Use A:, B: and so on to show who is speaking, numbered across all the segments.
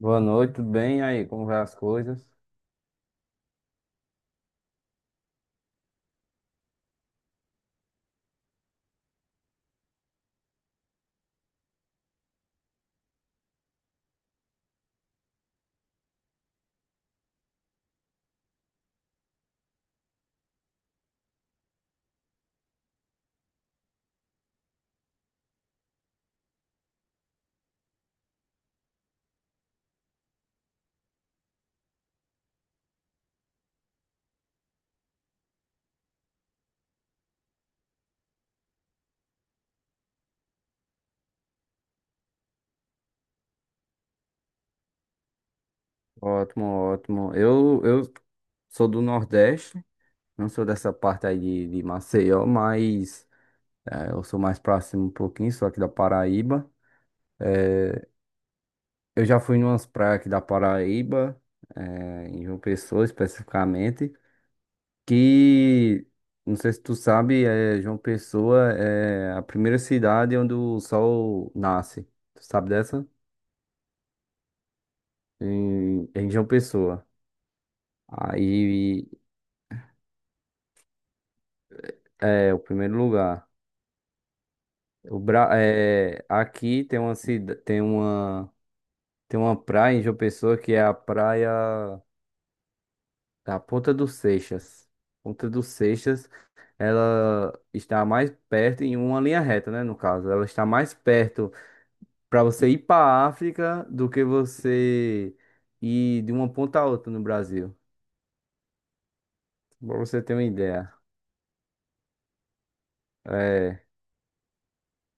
A: Boa noite, tudo bem? E aí, como vai as coisas? Ótimo, ótimo. Eu sou do Nordeste, não sou dessa parte aí de Maceió, mas eu sou mais próximo um pouquinho, sou aqui da Paraíba. Eu já fui em umas praias aqui da Paraíba, em João Pessoa especificamente, que, não sei se tu sabe, João Pessoa é a primeira cidade onde o sol nasce. Tu sabe dessa? Em João Pessoa. Aí. É, o primeiro lugar. Aqui tem uma cida... tem uma praia em João Pessoa que é a praia da Ponta dos Seixas. Ponta dos Seixas, ela está mais perto em uma linha reta, né, no caso. Ela está mais perto para você ir para a África do que você ir de uma ponta a outra no Brasil. Para você ter uma ideia. É,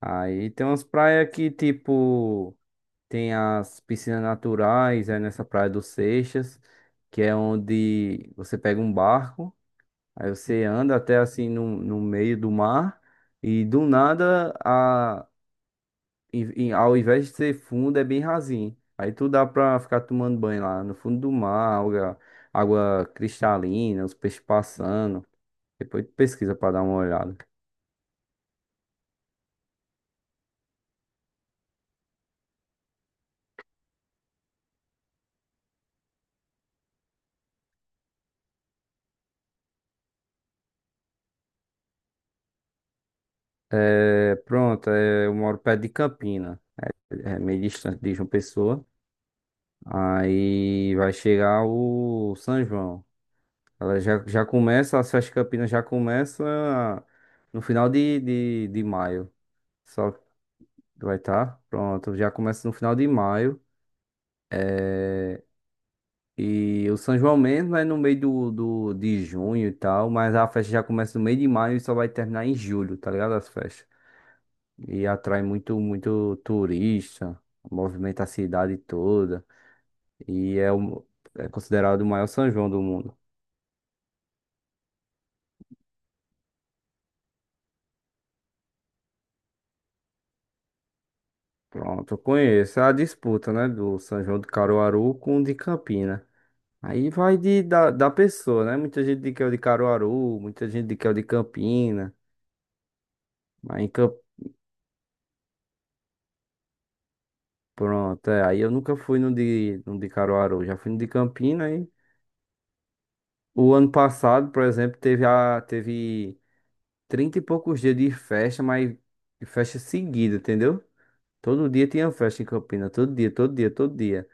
A: aí tem umas praias que tipo tem as piscinas naturais, é nessa Praia do Seixas, que é onde você pega um barco, aí você anda até assim no meio do mar, e do nada, a, ao invés de ser fundo, é bem rasinho. Aí tu dá pra ficar tomando banho lá no fundo do mar, água cristalina, os peixes passando. Depois tu pesquisa pra dar uma olhada. É, pronto, eu moro perto de Campina, é meio distante de João Pessoa. Aí vai chegar o São João. Ela já começa, as festas campinas já começa no final de maio. Só vai estar, pronto, já começa no final de maio. É, e o São João mesmo é no meio de junho e tal, mas a festa já começa no meio de maio e só vai terminar em julho, tá ligado? As festas. E atrai muito, muito turista, movimenta a cidade toda. E é, o, é considerado o maior São João do mundo. Pronto, eu conheço. É a disputa, né? Do São João de Caruaru com o de Campina. Aí vai da pessoa, né? Muita gente diz que é o de Caruaru, muita gente diz que é o de Campina. Mas em Camp... Pronto, é. Aí eu nunca fui no de Caruaru, já fui no de Campina. Aí o ano passado, por exemplo, teve 30 e poucos dias de festa, mas de festa seguida, entendeu? Todo dia tinha festa em Campina, todo dia, todo dia, todo dia.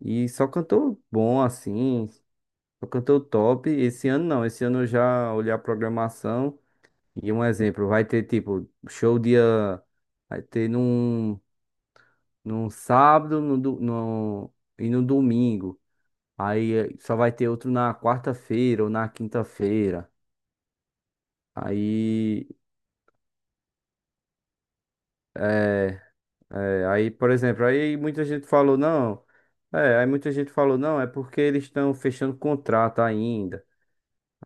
A: E só cantor bom assim. O cantor top, esse ano não, esse ano eu já olhei a programação e um exemplo, vai ter tipo show dia, vai ter num sábado e no domingo, aí só vai ter outro na quarta-feira ou na quinta-feira, aí, é, por exemplo, aí muita gente falou não, é porque eles estão fechando contrato ainda.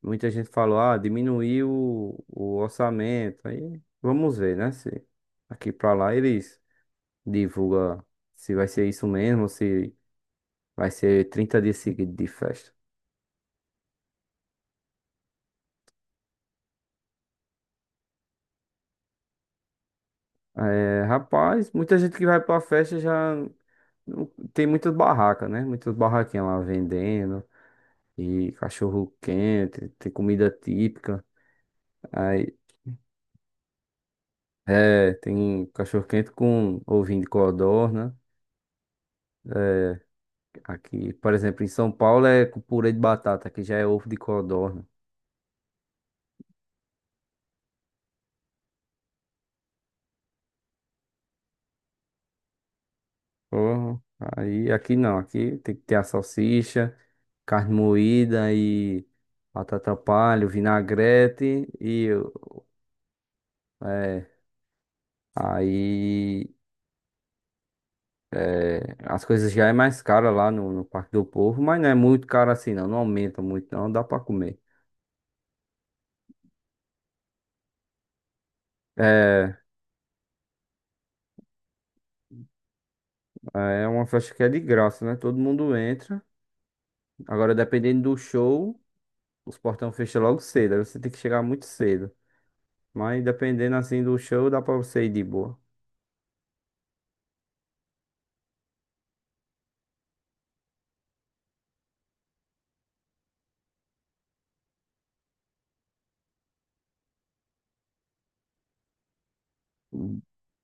A: Muita gente falou, ah, diminuiu o orçamento. Aí vamos ver, né? Se aqui pra lá eles divulgam se vai ser isso mesmo, se vai ser 30 dias seguidos de festa. É, rapaz, muita gente que vai pra festa já não- tem muitas barracas, né? Muitas barraquinhas lá vendendo, e cachorro quente, tem comida típica. Aí, tem cachorro quente com ovinho de codorna. Aqui, por exemplo, em São Paulo é com purê de batata, que já é ovo de codorna. Porra, aí aqui não, aqui tem que ter a salsicha, carne moída e batata palha, vinagrete é, aí é, As coisas já é mais cara lá no Parque do Povo, mas não é muito caro assim não, não aumenta muito não, dá pra comer. É, é uma festa que é de graça, né? Todo mundo entra. Agora, dependendo do show, os portão fecham logo cedo, aí você tem que chegar muito cedo. Mas dependendo assim do show, dá pra você ir de boa.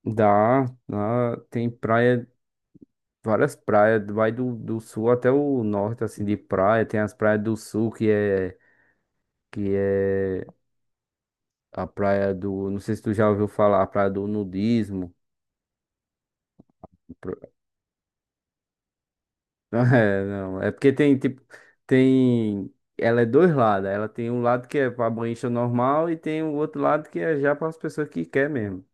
A: Dá, lá tem praia, várias praias, vai do sul até o norte, assim, de praia. Tem as praias do sul, que é a praia do, não sei se tu já ouviu falar, a praia do nudismo. Pro- É, não, é porque tem, tipo, tem, ela é dois lados. Ela tem um lado que é pra banhista normal e tem o outro lado que é já para as pessoas que quer mesmo.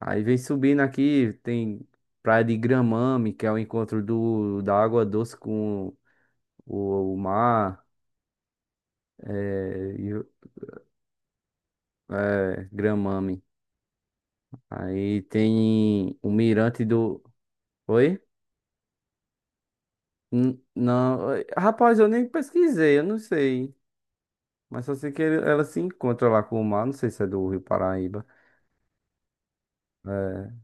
A: Aí vem subindo aqui, tem Praia de Gramame, que é o encontro do, da água doce com o mar, é, e o- Gramame. Aí tem o Mirante do. Oi? Não, oi, rapaz, eu nem pesquisei, eu não sei. Mas só sei que ele- ela se encontra lá com o mar, não sei se é do Rio Paraíba. É,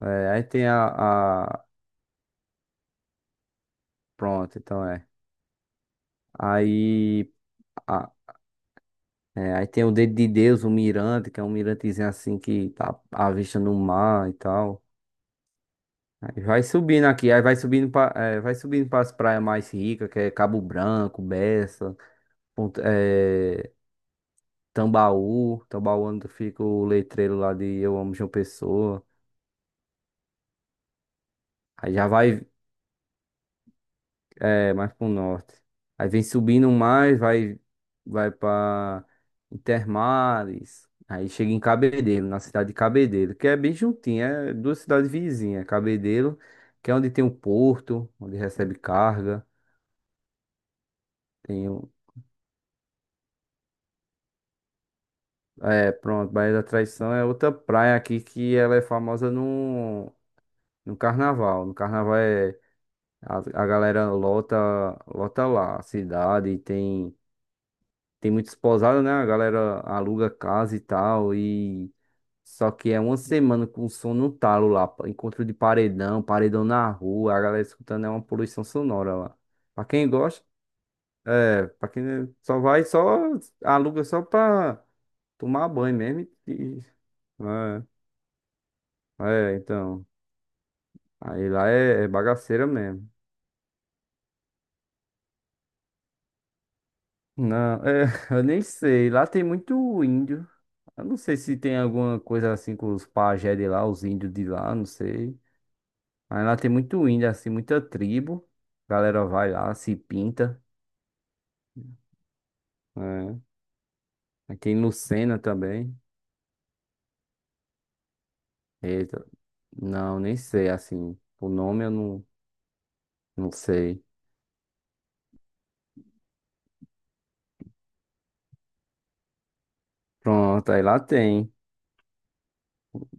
A: aí tem a. Pronto, então é. Aí. É, aí tem o Dedo de Deus, o Mirante, que é um mirantezinho assim que tá à vista no mar e tal. Aí vai subindo aqui, aí vai subindo para é, vai subindo para as praias mais ricas, que é Cabo Branco, Bessa, Ponta- é, Tambaú. Tambaú é onde fica o letreiro lá de Eu Amo João Pessoa. Aí já vai. É, mais pro norte. Aí vem subindo mais, vai pra Intermares. Aí chega em Cabedelo, na cidade de Cabedelo, que é bem juntinho, é duas cidades vizinhas. Cabedelo, que é onde tem o porto, onde recebe carga. Tem o... É, pronto, Baía da Traição é outra praia aqui que ela é famosa no, no carnaval. A galera lota, lota lá a cidade, tem muitos pousadas, né? A galera aluga casa e tal. E só que é uma semana com som no talo lá. Encontro de paredão, paredão na rua. A galera escutando é uma poluição sonora lá. Pra quem gosta, é. Pra quem só vai, só aluga só pra tomar banho mesmo. Então. Aí lá é bagaceira mesmo. Não, é, eu nem sei. Lá tem muito índio. Eu não sei se tem alguma coisa assim com os pajé de lá, os índios de lá, não sei. Aí lá tem muito índio, assim, muita tribo. A galera vai lá, se pinta. É. Aqui em Lucena também. Eita, não, nem sei, assim. O nome eu não, não sei. Pronto, aí lá tem.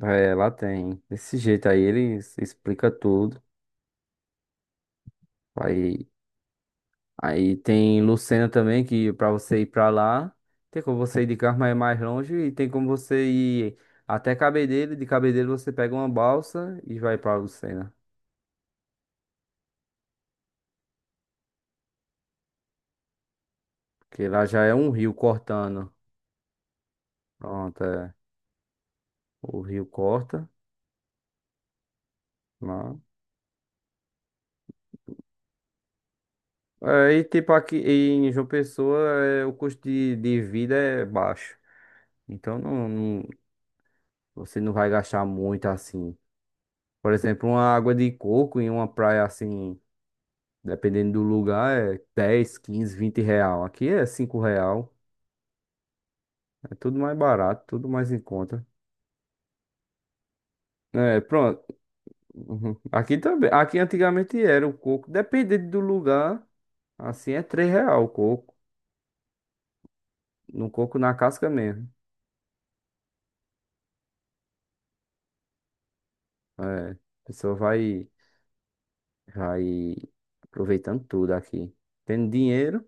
A: É, lá tem. Desse jeito aí eles explica tudo. Aí, aí tem Lucena também, que pra você ir pra lá, tem como você ir de carro, mas é mais longe. E tem como você ir até Cabedelo. De Cabedelo você pega uma balsa e vai pra Lucena. Que lá já é um rio cortando. Pronto, é. O rio corta lá. É, e tipo aqui em João Pessoa, é, o custo de vida é baixo. Então não, você não vai gastar muito assim. Por exemplo, uma água de coco em uma praia assim, dependendo do lugar, é R$ 10, 15, 20. Aqui é R$ 5. É tudo mais barato, tudo mais em conta. É, pronto. Uhum. Aqui também. Aqui antigamente era o coco, dependendo do lugar. Assim é R$ 3 o coco. No coco na casca mesmo. É, a pessoa vai aproveitando tudo aqui. Tendo dinheiro,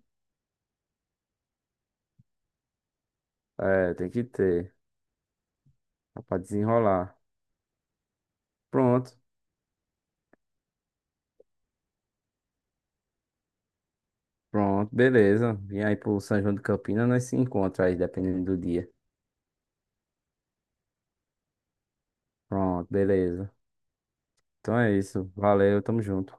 A: tem que ter, dá pra desenrolar. Pronto, pronto, beleza. Vem aí pro São João de Campinas, nós se encontra aí, dependendo do dia. Pronto, beleza. Então é isso, valeu, tamo junto.